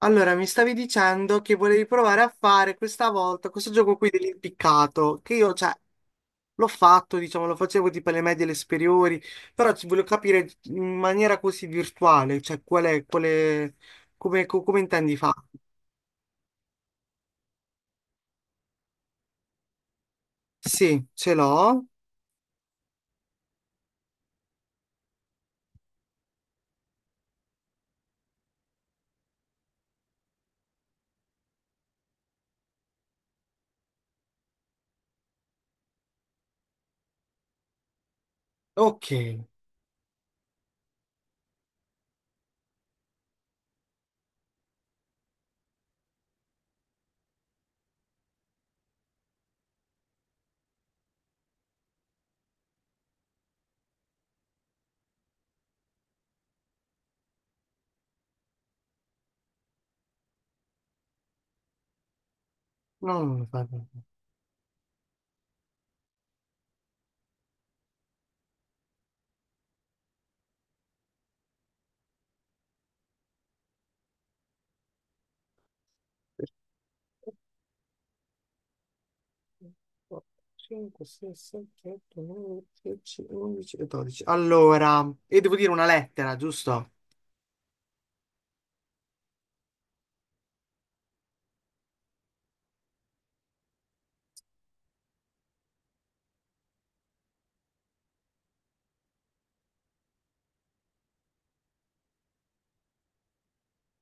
Allora, mi stavi dicendo che volevi provare a fare questa volta questo gioco qui dell'impiccato, che io, cioè, l'ho fatto, diciamo, lo facevo tipo alle medie e alle superiori, però ci voglio capire in maniera così virtuale, cioè, qual è, come, come intendi farlo? Sì, ce l'ho. Ok. No, non lo faccio. 5, 6, 7, 8, 9, 10, 11 e 12. Allora, e devo dire una lettera, giusto?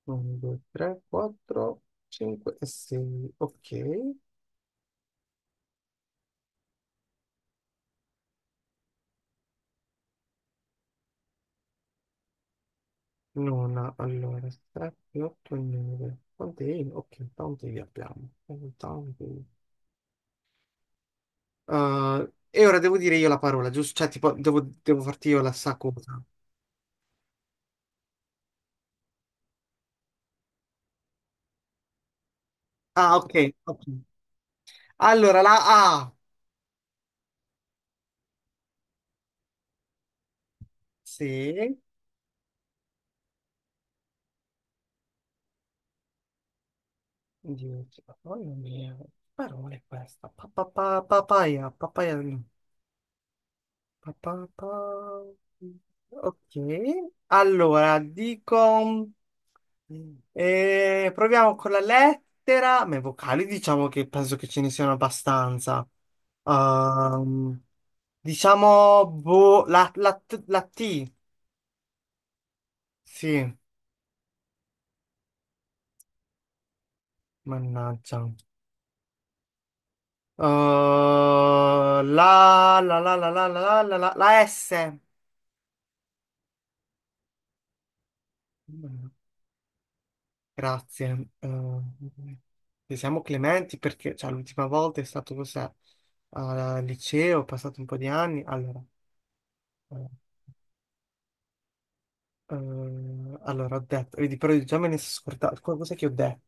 1, 2, 3, 4, 5 e 6. Ok. Nona, allora, 7, 8 e 9. Quante I? Ok, tanti li abbiamo. Tanti. E ora devo dire io la parola, giusto? Cioè, tipo, devo farti io la sa cosa. Ah, ok, ok. Allora, la A. Sì. 10. Mamma mia, che parola è questa? Papaya, papaya, no. Pa, pa- pa- Ok. Allora, dico. E proviamo con la lettera, ma i vocali diciamo che penso che ce ne siano abbastanza. Ehm, diciamo boh, la T, sì, mannaggia. Eh, la, la S. Grazie. Se siamo clementi perché cioè, l'ultima volta è stato cos'è? Al liceo, ho passato un po' di anni. Allora. eh, Eh, allora, ho detto, vedi, però già me ne sono scordato. Cos'è che ho detto?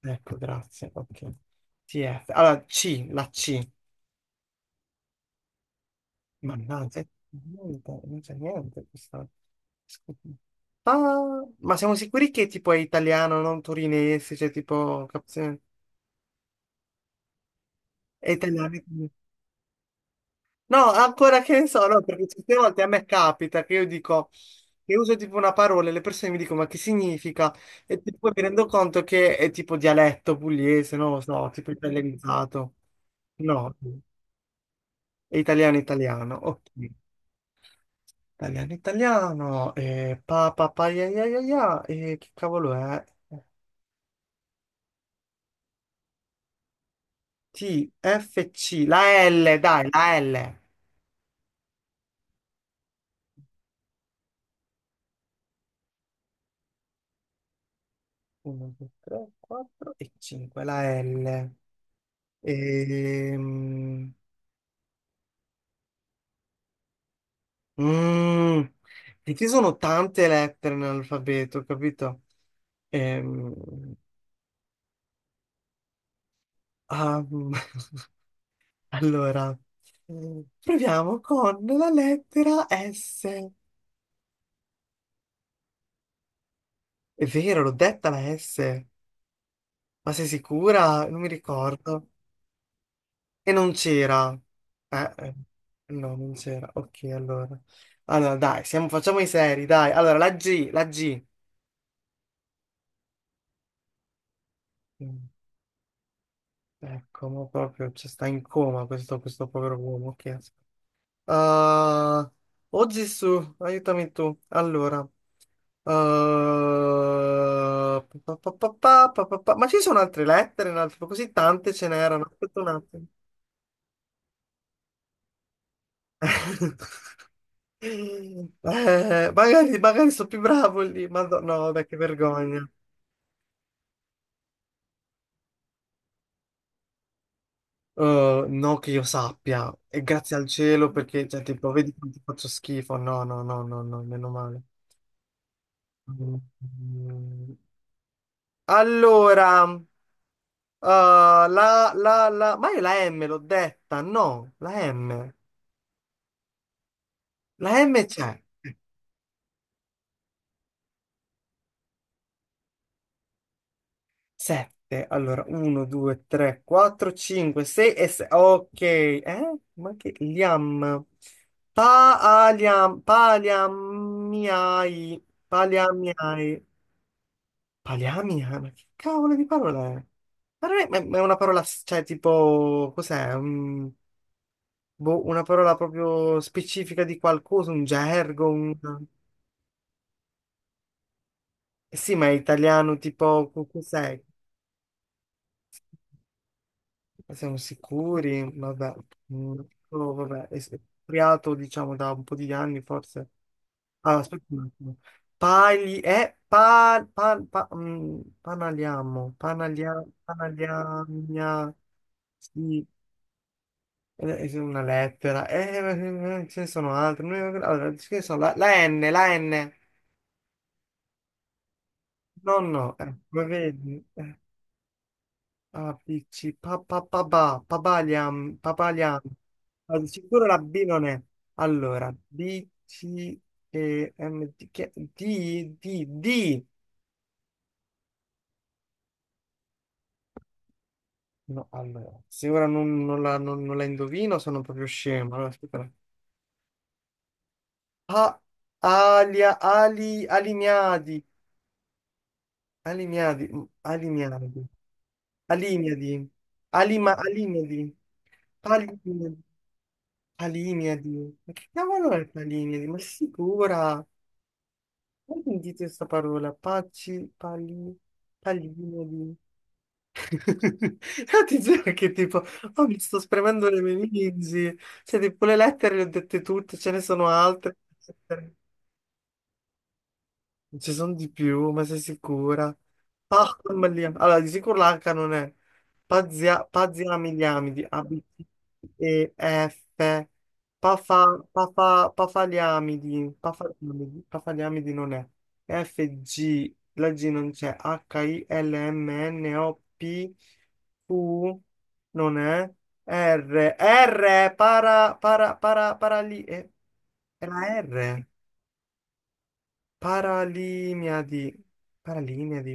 Ecco, grazie. Ok. TF. Allora, C, la C. Mannaggia, niente, non c'è niente. Questa... Scusi. Ah, ma siamo sicuri che tipo è italiano, non torinese? Cioè, tipo, è italiano. No, ancora che ne so, no, perché certe volte a me capita che io dico, che uso tipo una parola e le persone mi dicono ma che significa? Poi mi rendo conto che è tipo dialetto pugliese, non lo so, tipo italianizzato. No, è italiano italiano, ok. Italiano italiano, pa pa pa ya ya ya ya, che cavolo è? T, F, C, la L, dai, la L. 1, 2, 3, 4 e 5, la L. Ehm, mm, e ci sono tante lettere nell'alfabeto, capito? Ehm, ah, mm, allora, proviamo con la lettera S. È vero, l'ho detta la S, ma sei sicura? Non mi ricordo. E non c'era. Eh, eh, no, non c'era. Ok, allora. Allora, dai, facciamo i seri, dai. Allora, la G. Mm. Ecco, ma proprio cioè, sta in coma questo povero uomo. Ah, oh Gesù, aiutami tu. Allora, ah, ma ci sono altre lettere, così tante ce n'erano. Aspetta un attimo. Magari, magari sono più bravo lì, ma no, no, vabbè, che vergogna. No, che io sappia, e grazie al cielo perché, cioè, tipo, vedi quanto faccio schifo. No, no, no, no, no, meno male. Mm. Allora, eh, ma io la M l'ho detta, no, la M. La M c'è. 7. Allora, 1, 2, 3, 4, 5, 6 e 6. Ok, eh? Ma che liam? Paliam, paliamiai, paliamiai. Paliamia? Ma che cavolo di parola è? Ma non è ma è una parola, cioè, tipo, cos'è? Mm, boh, una parola proprio specifica di qualcosa, un gergo, un... Eh sì, ma è italiano, tipo, cos'è? Siamo sicuri? Vabbè. Mm, oh, vabbè, è creato, diciamo, da un po' di anni, forse. Ah, aspetta un attimo. Pagli... pa, pa, pa, mm, panaliamo, panaliagna, sì, è una lettera. Ce ne sono altre. Allora, ce ne sono la N, la N. No, no, come vedi, ABC, pa, pa, pa, pa, papaliam, papaliam. Ma di sicuro la B non è. Allora, B, C, E, M, D, D, D, D. No, allora, se ora non, non la, non- non la indovino sono proprio scemo. Allora, aspetta. A, alimiadi, alimiadi, mm, alimiadi, alimiadi, alimiadi, alimiadi. Palimiadi, ma che cavolo è Palimiadi? Ma sei sicura? Mai sentito questa parola? Pacci, pali, Palimiadi. Io ti giuro che tipo, oh, mi sto spremendo le meningi, cioè tipo le lettere le ho dette tutte, ce ne sono altre. Non ci sono di più, ma sei sicura? Palmaliam. Allora, di sicuro l'H non è. Paziamiliamidi, A, B, C, E, F. Pafa, pafa, pafaliamidi, pafaliamidi, pafaliamidi non è. F, G, la G non c'è. H, I, L, M, N, O, P, Q, non è. R, R, para, para, para, para lì. Era R. Paralimiadi. Paralimiadi.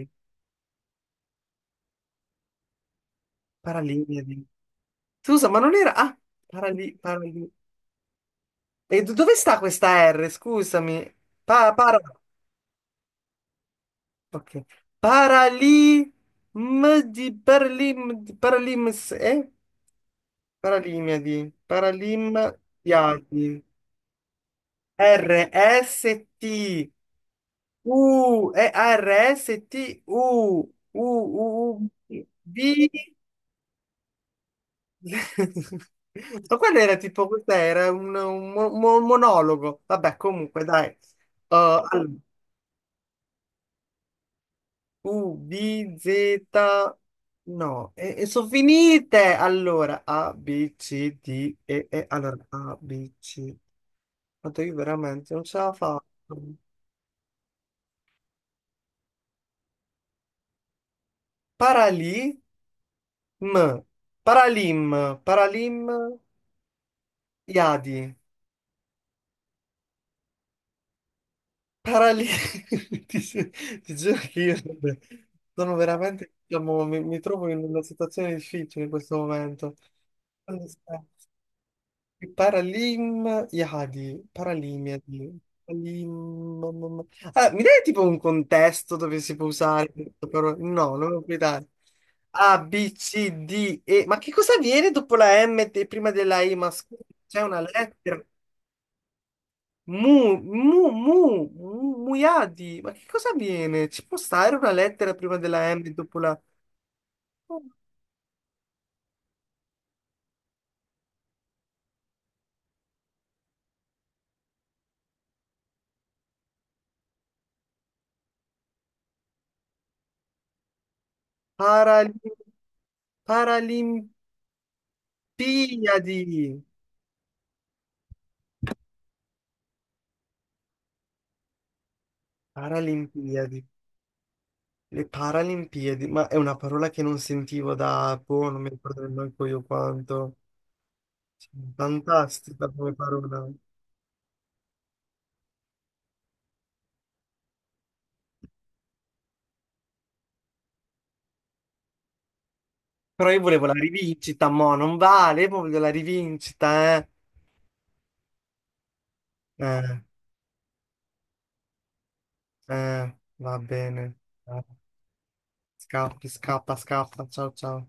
Paralimiadi. Scusa, ma non era... Ah, parali... parali- e dove sta questa R? Scusami. Pa, para... Ok. Parali... M di Paralim... di Paralims... Eh? Paralimiadi. Paralimadiadi. R-S-T... U... E-R-S-T-U... U... U... U... V... Ma quello era tipo, cos'era? Un monologo. Vabbè, comunque, dai. Uh, allora, U, B, Z. No, sono finite. Allora, A, B, C, D, E. Allora, A, B, C. Quanto io veramente non ce la faccio. Paralim, Paralim, Paralim, Iadi. Parali- ti, gi- ti giuro che io sono veramente, diciamo, mi trovo in una situazione difficile in questo momento. Allora, aspetta. Paralim Yadi, Paralim Yadi, Paralim... Ah, mi dai tipo un contesto dove si può usare questa parola? No, non lo puoi dare. A, B, C, D, E. Ma che cosa viene dopo la M e prima della I? Ma scusa, c'è una lettera? Mu, mu, mu, muiadi. Ma che cosa avviene? Ci può stare una lettera prima della M e dopo la Parali- Paralimpiadi. Paralimpiadi. Le Paralimpiadi. Ma è una parola che non sentivo da, boh, non mi ricordo neanche io quanto. Fantastica come parola. Però io volevo la rivincita, mo, non vale, io voglio la rivincita, eh. Eh, va bene. Scappi, scappa, scappa. Ciao, ciao.